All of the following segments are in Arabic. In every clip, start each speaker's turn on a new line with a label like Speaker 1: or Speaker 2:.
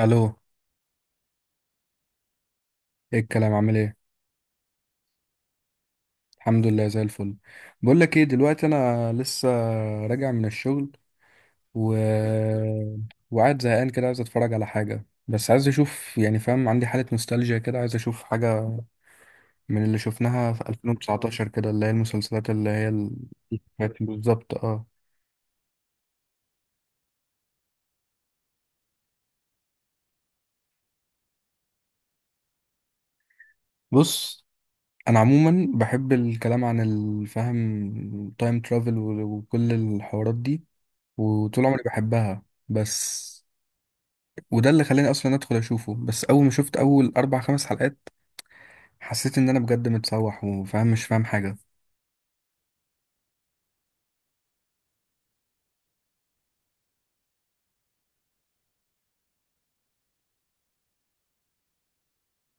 Speaker 1: الو. ايه الكلام؟ عامل ايه؟ الحمد لله، زي الفل. بقول لك ايه دلوقتي، انا لسه راجع من الشغل و... وقاعد زهقان كده، عايز اتفرج على حاجه، بس عايز اشوف، يعني فاهم، عندي حاله نوستالجيا كده، عايز اشوف حاجه من اللي شفناها في 2019 كده، اللي هي المسلسلات، اللي هي كانت بالظبط. اه، بص انا عموما بحب الكلام عن الفهم، تايم ترافل، وكل الحوارات دي، وطول عمري بحبها. بس وده اللي خلاني اصلا ادخل اشوفه. بس اول ما شفت اول اربع خمس حلقات، حسيت ان انا بجد متسوح، وفاهم مش فاهم حاجه،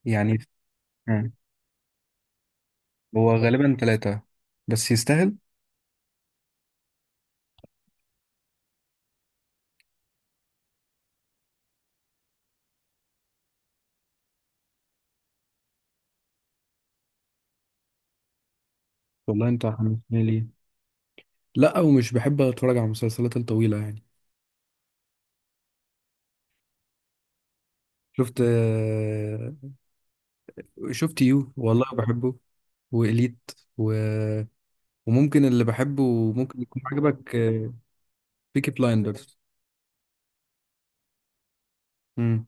Speaker 1: يعني. مم. هو غالبا ثلاثه، بس يستاهل. والله، انت حمسني ليه. لا، ومش بحب اتفرج على المسلسلات الطويله، يعني. شفت، آه. شفت يو، والله بحبه. وإليت و... وممكن اللي بحبه وممكن يكون عجبك. بيكي بلايندرز. امم.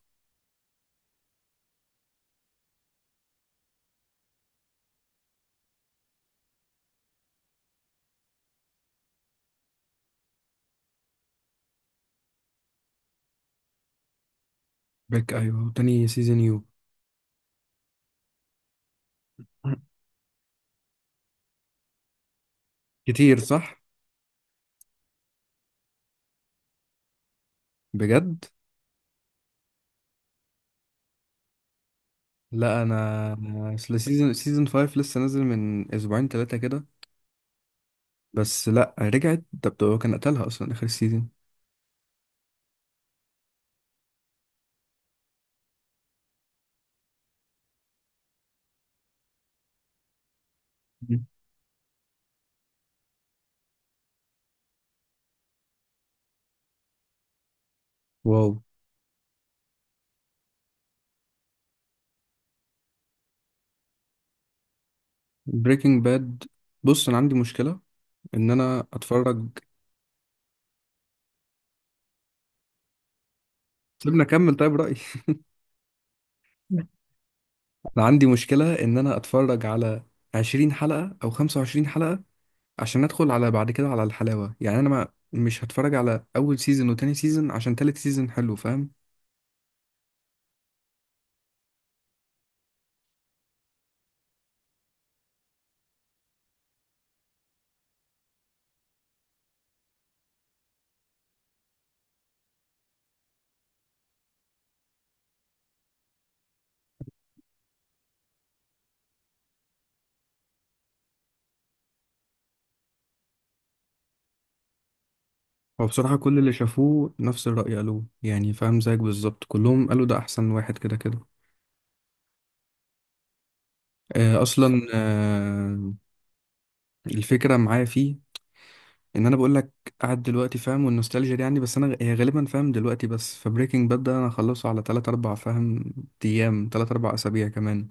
Speaker 1: بيك، ايوه. تاني سيزون يو كتير، صح. بجد؟ لا، انا اصل سيزون 5 لسه نازل من اسبوعين ثلاثه كده. بس لا، رجعت ده. بتوع كان قتلها اصلا اخر السيزون. مم. واو. بريكنج باد. بص، انا عندي مشكله ان انا اتفرج. سيبنا اكمل طيب رايي. انا عندي مشكله ان انا اتفرج على 20 حلقه او 25 حلقه، عشان ادخل على بعد كده على الحلاوه، يعني. انا ما مش هتفرج على اول سيزون وتاني سيزون عشان تالت سيزون حلو، فاهم؟ هو بصراحة كل اللي شافوه نفس الرأي قالوه، يعني، فاهم، زيك بالظبط، كلهم قالوا ده أحسن واحد، كده كده. آه، أصلا، آه. الفكرة معايا فيه، إن أنا بقول لك، قاعد دلوقتي، فاهم، والنوستالجيا دي عندي. بس أنا هي غالبا، فاهم، دلوقتي. بس فبريكنج باد ده أنا هخلصه على تلات أربع، فاهم، أيام، تلات أربع أسابيع كمان.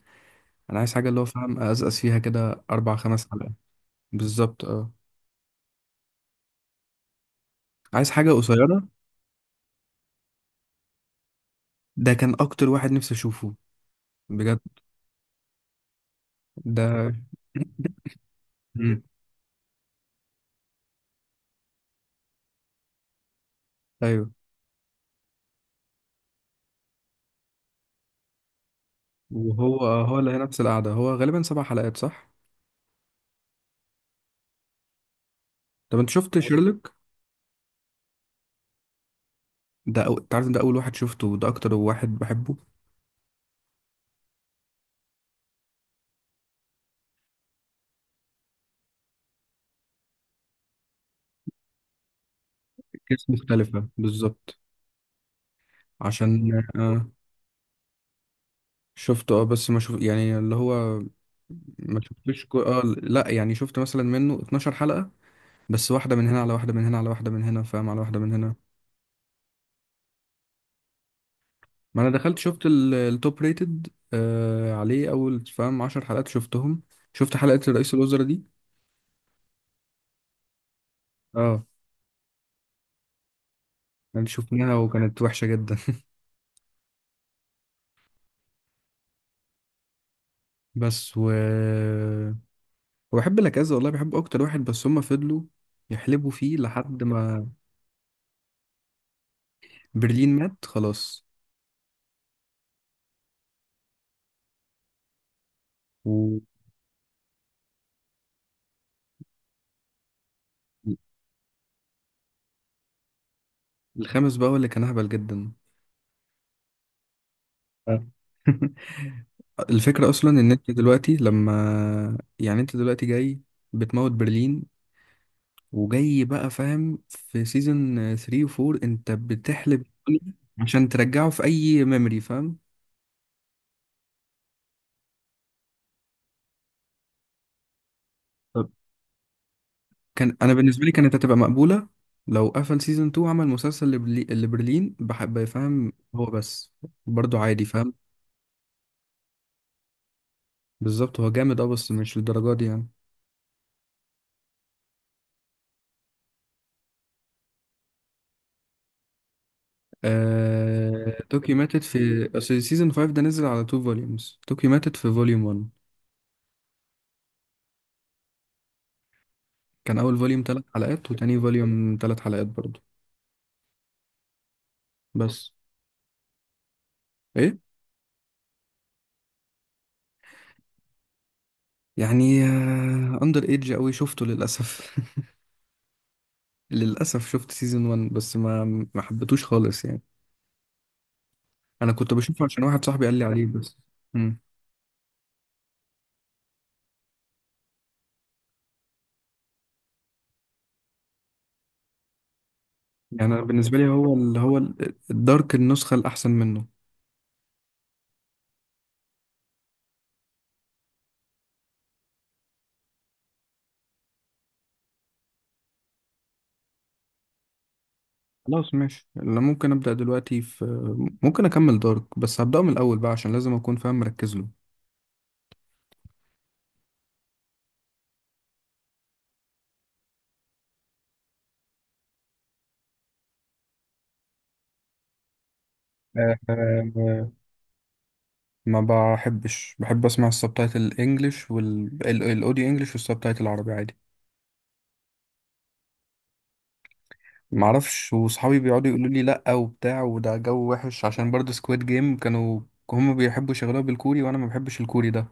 Speaker 1: أنا عايز حاجة، اللي هو، فاهم، أزقز فيها كده أربع خمس حلقات. بالظبط، أه. عايز حاجة قصيرة. ده كان أكتر واحد نفسي أشوفه، بجد، ده. مم. أيوه. وهو هو اللي هي نفس القعدة، هو غالبا سبع حلقات، صح؟ طب انت شفت شيرلوك؟ ده انت عارف إن ده أول واحد شفته، وده أكتر واحد بحبه. كيس مختلفة، بالظبط، عشان آه. شفته، اه. بس ما شوف، يعني، اللي هو، ما شفتوش اه، لا، يعني شفت مثلا منه 12 حلقة، بس واحدة من هنا، على واحدة من هنا، على واحدة من هنا، فاهم، على واحدة من هنا. ما انا دخلت شفت التوب ريتد، آه، عليه اول، فاهم، 10 حلقات شفتهم. شفت حلقة رئيس الوزراء دي. اه، انا شفناها وكانت وحشة جدا. بس و وبحب لاكازا، والله بحب، اكتر واحد. بس هما فضلوا يحلبوا فيه لحد ما برلين مات، خلاص. والخامس بقى هو اللي كان اهبل جدا. آه. الفكرة اصلا ان انت دلوقتي لما، يعني، انت دلوقتي جاي بتموت برلين، وجاي بقى، فاهم، في سيزون 3 و 4 انت بتحلب الدنيا، عشان ترجعه في اي ميموري، فاهم. كان، انا بالنسبه لي كانت هتبقى مقبوله لو قفل سيزون 2، عمل مسلسل لبرلين بحب يفهم هو بس، برضو عادي، فاهم. بالظبط، هو جامد، اه، بس مش للدرجه دي، يعني. توكي ماتت في أصل، سيزون 5 ده نزل على 2 فوليومز، توكي ماتت في فوليوم 1. كان اول فوليوم 3 حلقات، وتاني فوليوم 3 حلقات برضو. بس ايه، يعني، اندر ايدج قوي شفته للاسف. للاسف شفت سيزون 1 بس ما حبيتوش خالص، يعني. انا كنت بشوفه عشان واحد صاحبي قال لي عليه، بس. امم. يعني أنا بالنسبه لي، هو ال... هو الدارك النسخه الاحسن منه. خلاص، ماشي. انا ممكن ابدا دلوقتي في، ممكن اكمل دارك. بس هبداه من الاول بقى، عشان لازم اكون فاهم مركز له. آه، آه، ما بحبش. بحب اسمع السبتايتل الانجليش والاوديو انجليش والسبتايتل العربي عادي. ما اعرفش، وصحابي بيقعدوا يقولوا لي لا، وبتاع، وده جو وحش، عشان برضه سكويد جيم كانوا، هم بيحبوا يشغلوها بالكوري، وانا ما بحبش الكوري ده.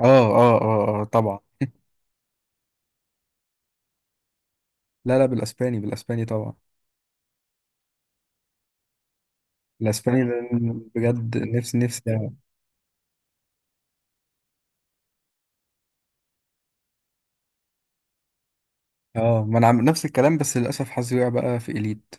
Speaker 1: اه، اه، اه، آه، طبعا. لا، لا، بالاسباني، بالاسباني طبعا. الاسباني، لأن بجد، نفسي نفسي. اه، ما انا نفس الكلام. بس للاسف حظي وقع بقى في اليت.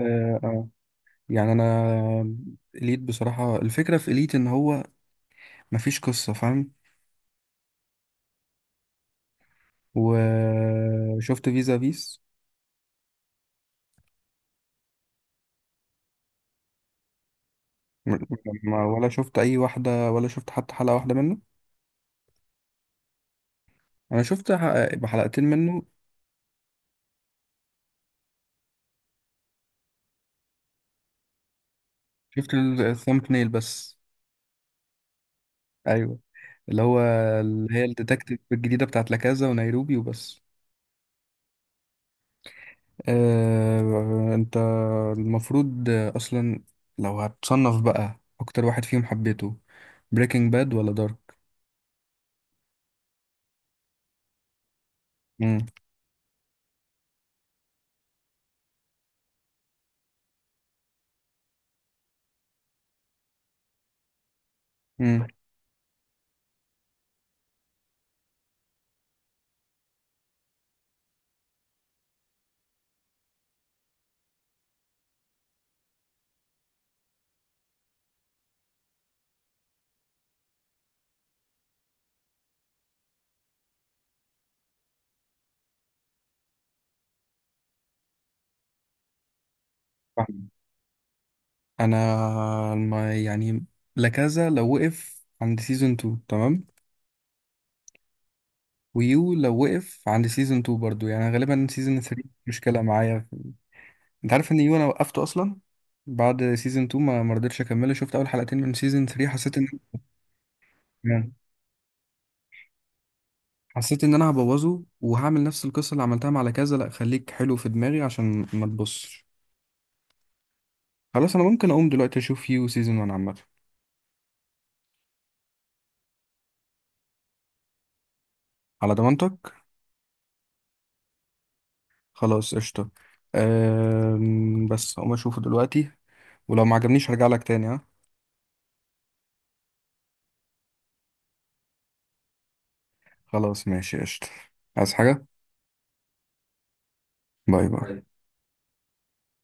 Speaker 1: اه، آه. يعني انا، اليت بصراحه، الفكره في اليت ان هو مفيش قصه، فاهم. وشفت فيزا فيس، م- ولا شفت اي واحده، ولا شفت حتى حلقه واحده منه. انا شفت حلقتين منه. شفت الثامب نيل بس. ايوه، اللي هو، اللي هي الديتكتيف الجديده بتاعت لاكازا ونيروبي، وبس. آه، انت المفروض، آه، اصلا، لو هتصنف بقى اكتر واحد فيهم حبيته، بريكنج باد ولا دارك؟ امم امم انا، ما، يعني، لكذا لو وقف عند سيزون 2، تمام. ويو لو وقف عند سيزون 2 برضو، يعني غالبا سيزون 3 مشكلة معايا. انت عارف ان يو انا وقفته اصلا بعد سيزون 2؟ ما مرضتش اكمله. شفت اول حلقتين من سيزون 3، ان حسيت ان انا هبوظه، وهعمل نفس القصه اللي عملتها مع كذا. لا، خليك حلو في دماغي عشان ما تبصش. خلاص، انا ممكن اقوم دلوقتي اشوف يو سيزون 1 عامه. على ضمانتك. خلاص، قشطه. بس اقوم اشوفه دلوقتي، ولو ما عجبنيش هرجع لك تاني، ها. خلاص، ماشي، قشطه. عايز حاجه. باي باي.